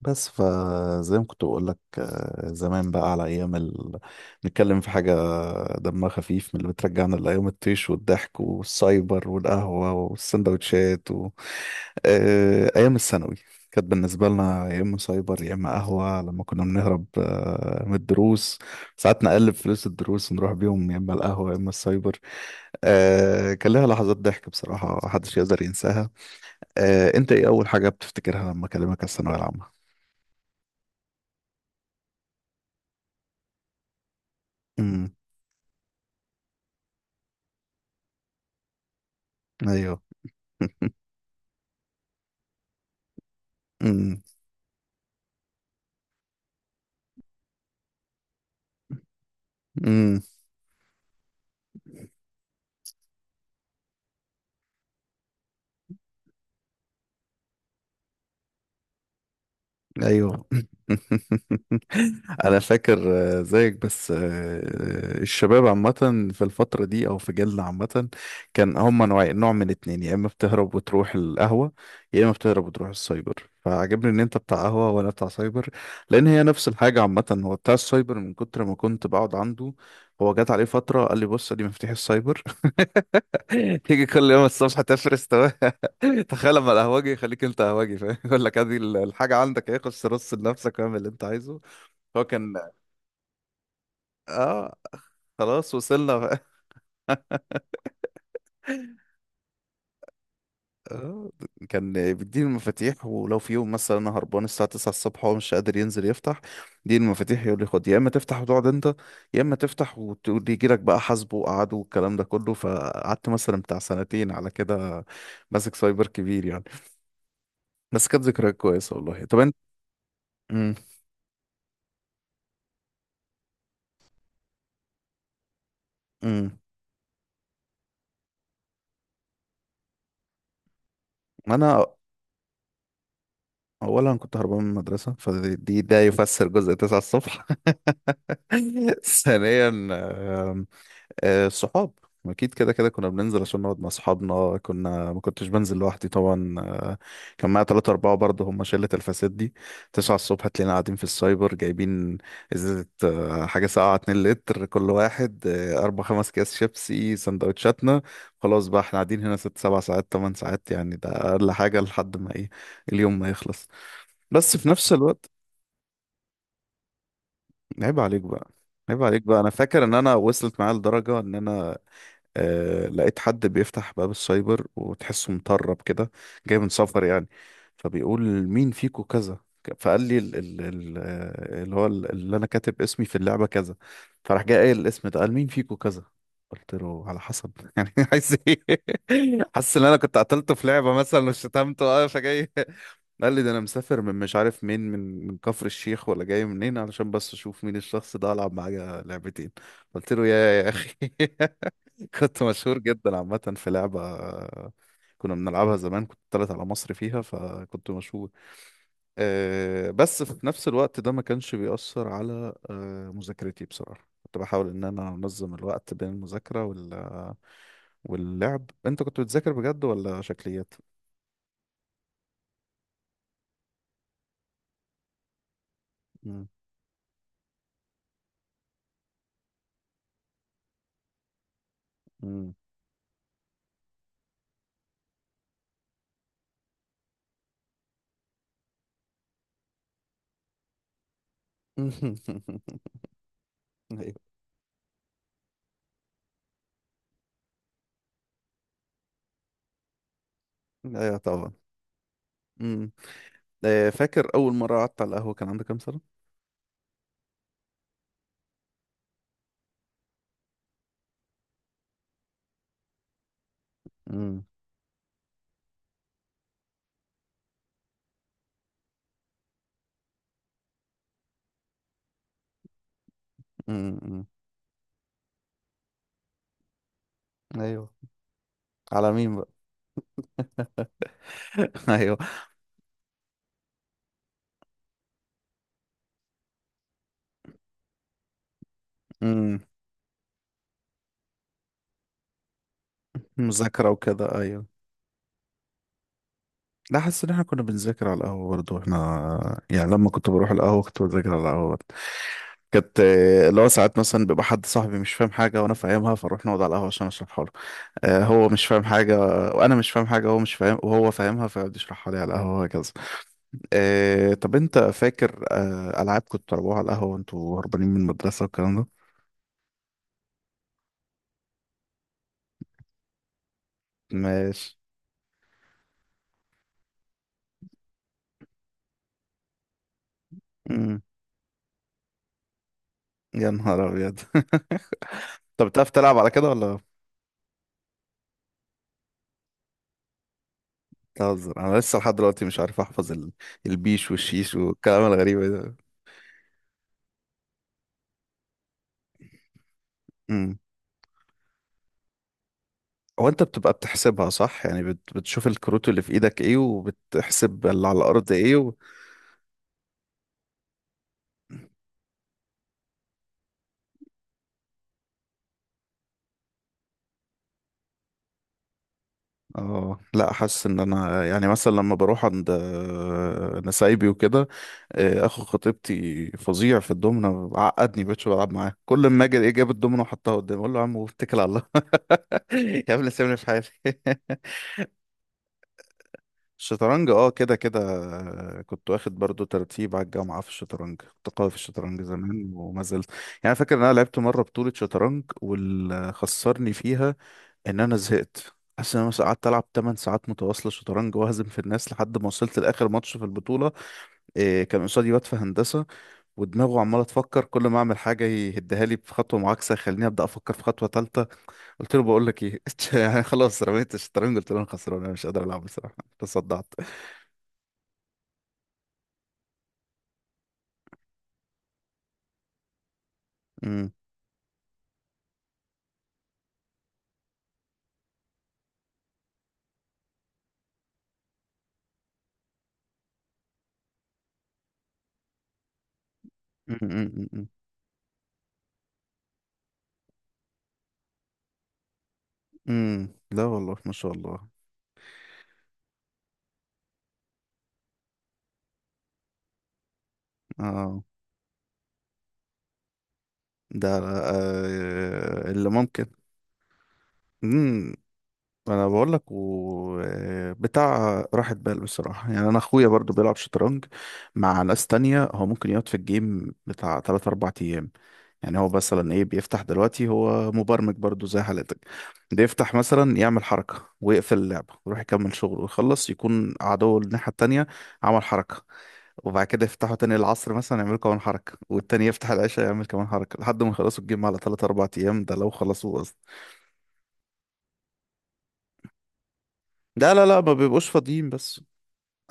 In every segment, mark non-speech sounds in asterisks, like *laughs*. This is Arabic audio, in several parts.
بس فزي ما كنت بقول لك، زمان بقى على ايام نتكلم في حاجه دمها خفيف، من اللي بترجعنا لايام الطيش والضحك والسايبر والقهوه والسندوتشات ايام الثانوي. كانت بالنسبه لنا يا اما سايبر يا اما قهوه، لما كنا بنهرب من الدروس. ساعات نقلب فلوس الدروس ونروح بيهم يا اما القهوه يا اما السايبر. كان لها لحظات ضحك، بصراحه محدش يقدر ينساها. انت ايه اول حاجه بتفتكرها لما اكلمك على الثانويه العامه؟ ايوه *laughs* امم امم. ايوه *laughs* انا فاكر. زيك. بس الشباب عامه، في الفتره دي او في جيلنا عامه، كان هم نوعين، نوع من اتنين، يا اما بتهرب وتروح القهوه يا اما بتهرب وتروح السايبر. فعجبني ان انت بتاع قهوه وانا بتاع سايبر، لان هي نفس الحاجه عامه. هو بتاع السايبر، من كتر ما كنت بقعد عنده هو جات عليه فتره قال لي، بص دي مفاتيح السايبر، تيجي كل يوم الصبح تفرس، *laughs* تخيل لما القهوجي يخليك انت قهوجي، فاهم؟ *laughs* يقول لك ادي الحاجه عندك، ايه، خش رص لنفسك واعمل اللي انت عايزه. هو كان اه، خلاص وصلنا بقى. *laughs* آه، كان بيديني المفاتيح، ولو في يوم مثلا انا هربان الساعه 9 الصبح وهو مش قادر ينزل يفتح، يديني المفاتيح يقول لي خد، يا اما تفتح وتقعد انت، يا اما تفتح وتقول لي يجي لك بقى حاسبه وقعده والكلام ده كله. فقعدت مثلا بتاع سنتين على كده، ماسك سايبر كبير يعني. بس كانت ذكريات كويسه والله. طب انت؟ امم انا اولا كنت هربان من المدرسه، فدي ده يفسر جزء 9 الصبح. *laughs* ثانيا الصحاب، اكيد كده كده كنا بننزل عشان نقعد مع اصحابنا، كنا ما كنتش بنزل لوحدي طبعا. كان معايا ثلاثة أربعة برضه، هم شلة الفساد دي. 9 الصبح تلاقينا قاعدين في السايبر جايبين ازازة حاجة ساقعة 2 لتر كل واحد، أربع خمس أكياس شيبسي، سندوتشاتنا. خلاص بقى احنا قاعدين هنا 6 7 ساعات 8 ساعات يعني، ده أقل حاجة، لحد ما ايه، اليوم ما يخلص. بس في نفس الوقت، عيب عليك بقى، عيب عليك بقى. أنا فاكر إن أنا وصلت معايا لدرجة إن أنا، آه لقيت حد بيفتح باب السايبر وتحسه مطرب كده، جاي من سفر يعني، فبيقول مين فيكو كذا، فقال لي ال ال ال اللي هو اللي انا كاتب اسمي في اللعبة كذا، فراح جاي قايل الاسم ده، قال مين فيكو كذا. قلت له على حسب، *laughs* يعني عايز ايه؟ *laughs* حاسس ان انا كنت قتلته في لعبة مثلا وشتمته، اه فجاي. *laughs* قال لي ده انا مسافر من، مش عارف مين، من كفر الشيخ ولا جاي منين، علشان بس اشوف مين الشخص ده العب معاه لعبتين. قلت له يا اخي. *laughs* كنت مشهور جدا عامة في لعبة كنا بنلعبها زمان، كنت طلعت على مصر فيها فكنت مشهور. أه بس في نفس الوقت ده ما كانش بيأثر على أه مذاكرتي، بصراحة كنت بحاول إن أنا أنظم الوقت بين المذاكرة وال... واللعب. أنت كنت بتذاكر بجد ولا شكليات؟ مم. مم. *laughs* أيوه. أيوه طبعا. مم. فاكر أول مرة قعدت على القهوة كان عندك كام سنة؟ مم. مم. مم. أيوه. على مين بقى؟ *laughs* أيوه، مذاكرة وكده، أيوة. لا حاسس إن إحنا كنا بنذاكر على القهوة برضه. إحنا يعني لما كنت بروح القهوة كنت بذاكر على القهوة برضه. كانت اللي هو ساعات مثلا بيبقى حد صاحبي مش فاهم حاجة وأنا فاهمها، فأروح نقعد على القهوة عشان أشرحها له. هو مش فاهم حاجة وأنا مش فاهم حاجة، هو مش فاهم وهو فاهمها، فيقعد يشرحها لي على القهوة وهكذا. طب أنت فاكر ألعاب كنت بتلعبوها على القهوة وأنتوا هربانين من المدرسة والكلام ده؟ ماشي. مم. يا نهار أبيض. *laughs* طب بتعرف تلعب على كده ولا تهزر؟ انا لسه لحد دلوقتي مش عارف احفظ البيش والشيش والكلام الغريب ده. امم هو انت بتبقى بتحسبها صح يعني، بتشوف الكروت اللي في ايدك ايه وبتحسب اللي على الارض ايه و اه لا، حاسس ان انا يعني مثلا لما بروح عند نسايبي وكده، اخو خطيبتي فظيع في الدومنه، عقدني، بقتش بلعب معاه. كل ما اجي ايه، جاب الدومنه وحطها قدامي، اقول له يا عم واتكل على الله، *laughs* يا ابني سيبني في حالي. *laughs* الشطرنج؟ اه كده كده. كنت واخد برضو ترتيب على الجامعة في الشطرنج، كنت قوي في الشطرنج زمان وما زلت يعني. فاكر ان انا لعبت مرة بطولة شطرنج واللي خسرني فيها ان انا زهقت. حاسس ان انا مثلا قعدت العب 8 ساعات متواصلة شطرنج، واهزم في الناس لحد ما وصلت لاخر ماتش في البطولة. إيه، كان قصادي واد في هندسة ودماغه عمالة تفكر، كل ما اعمل حاجة يهدها لي في خطوة معاكسة، يخليني ابدا افكر في خطوة ثالثة. قلت له بقول لك ايه، *laughs* يعني خلاص رميت الشطرنج، قلت له انا خسران انا مش قادر العب، بصراحة تصدعت. أمم، أمم، أمم، أمم. لا والله، ما شاء الله. اه. ده آه. اللي ممكن. أمم، انا بقول لك و بتاع راحة بال بصراحة يعني. انا اخويا برضو بيلعب شطرنج مع ناس تانية، هو ممكن يقعد في الجيم بتاع 3 4 ايام يعني. هو مثلا ايه، بيفتح دلوقتي، هو مبرمج برضو زي حالتك، بيفتح مثلا يعمل حركة ويقفل اللعبة ويروح يكمل شغله ويخلص، يكون عدو الناحية التانية عمل حركة، وبعد كده يفتحوا تاني العصر مثلا يعملوا كمان حركة، والتاني يفتح العشاء يعمل كمان حركة، لحد ما يخلصوا الجيم على 3 4 أيام، ده لو خلصوه أصلا. لا لا لا، ما بيبقوش فاضيين بس.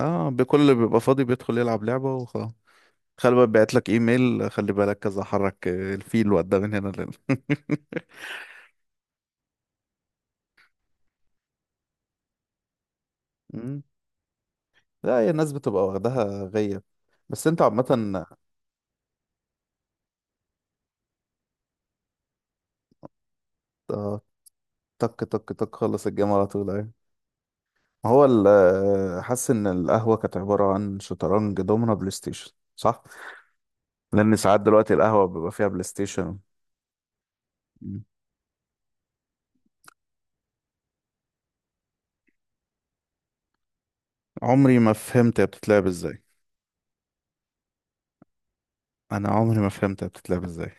اه، بكل اللي بيبقى فاضي بيدخل يلعب لعبة وخلاص. خلي بالك بعت لك ايميل، خلي بالك كذا، حرك الفيل وقدام من هنا لهنا. *laughs* مم. لا هي الناس بتبقى واخداها غية. بس انت عامة. آه، تك تك تك، خلص الجيم على طول اهي. هو حاسس ان القهوة كانت عبارة عن شطرنج، دومنا، بلاي ستيشن، صح؟ لان ساعات دلوقتي القهوه بيبقى فيها بلاي ستيشن. مم. عمري ما فهمت هي بتتلعب ازاي. انا عمري ما فهمت هي بتتلعب ازاي.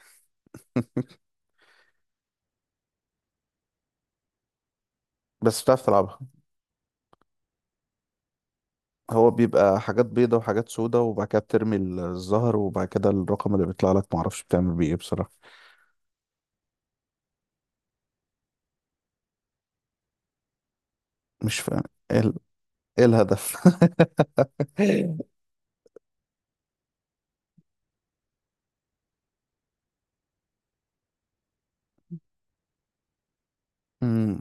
بس بتعرف تلعبها؟ هو بيبقى حاجات بيضة وحاجات سودة، وبعد كده بترمي الزهر، وبعد كده الرقم اللي بيطلع لك معرفش بتعمل بيه ايه بصراحة. مش فاهم. ايه ال- إيه الهدف؟ *laughs* مم.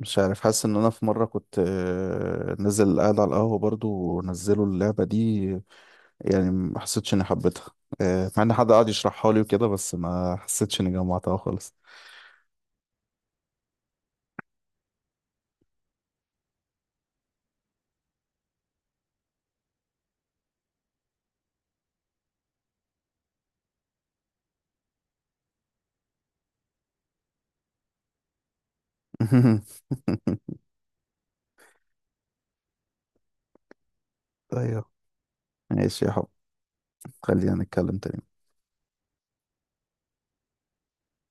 مش عارف، حاسس ان انا في مرة كنت نازل قاعد على القهوة برضو، ونزلوا اللعبة دي، يعني ما حسيتش اني حبيتها. مع ان حد قعد يشرحها لي وكده، بس ما حسيتش اني جمعتها خالص. *laughs* ايوه. ماشي يا حب. خلينا نتكلم تاني.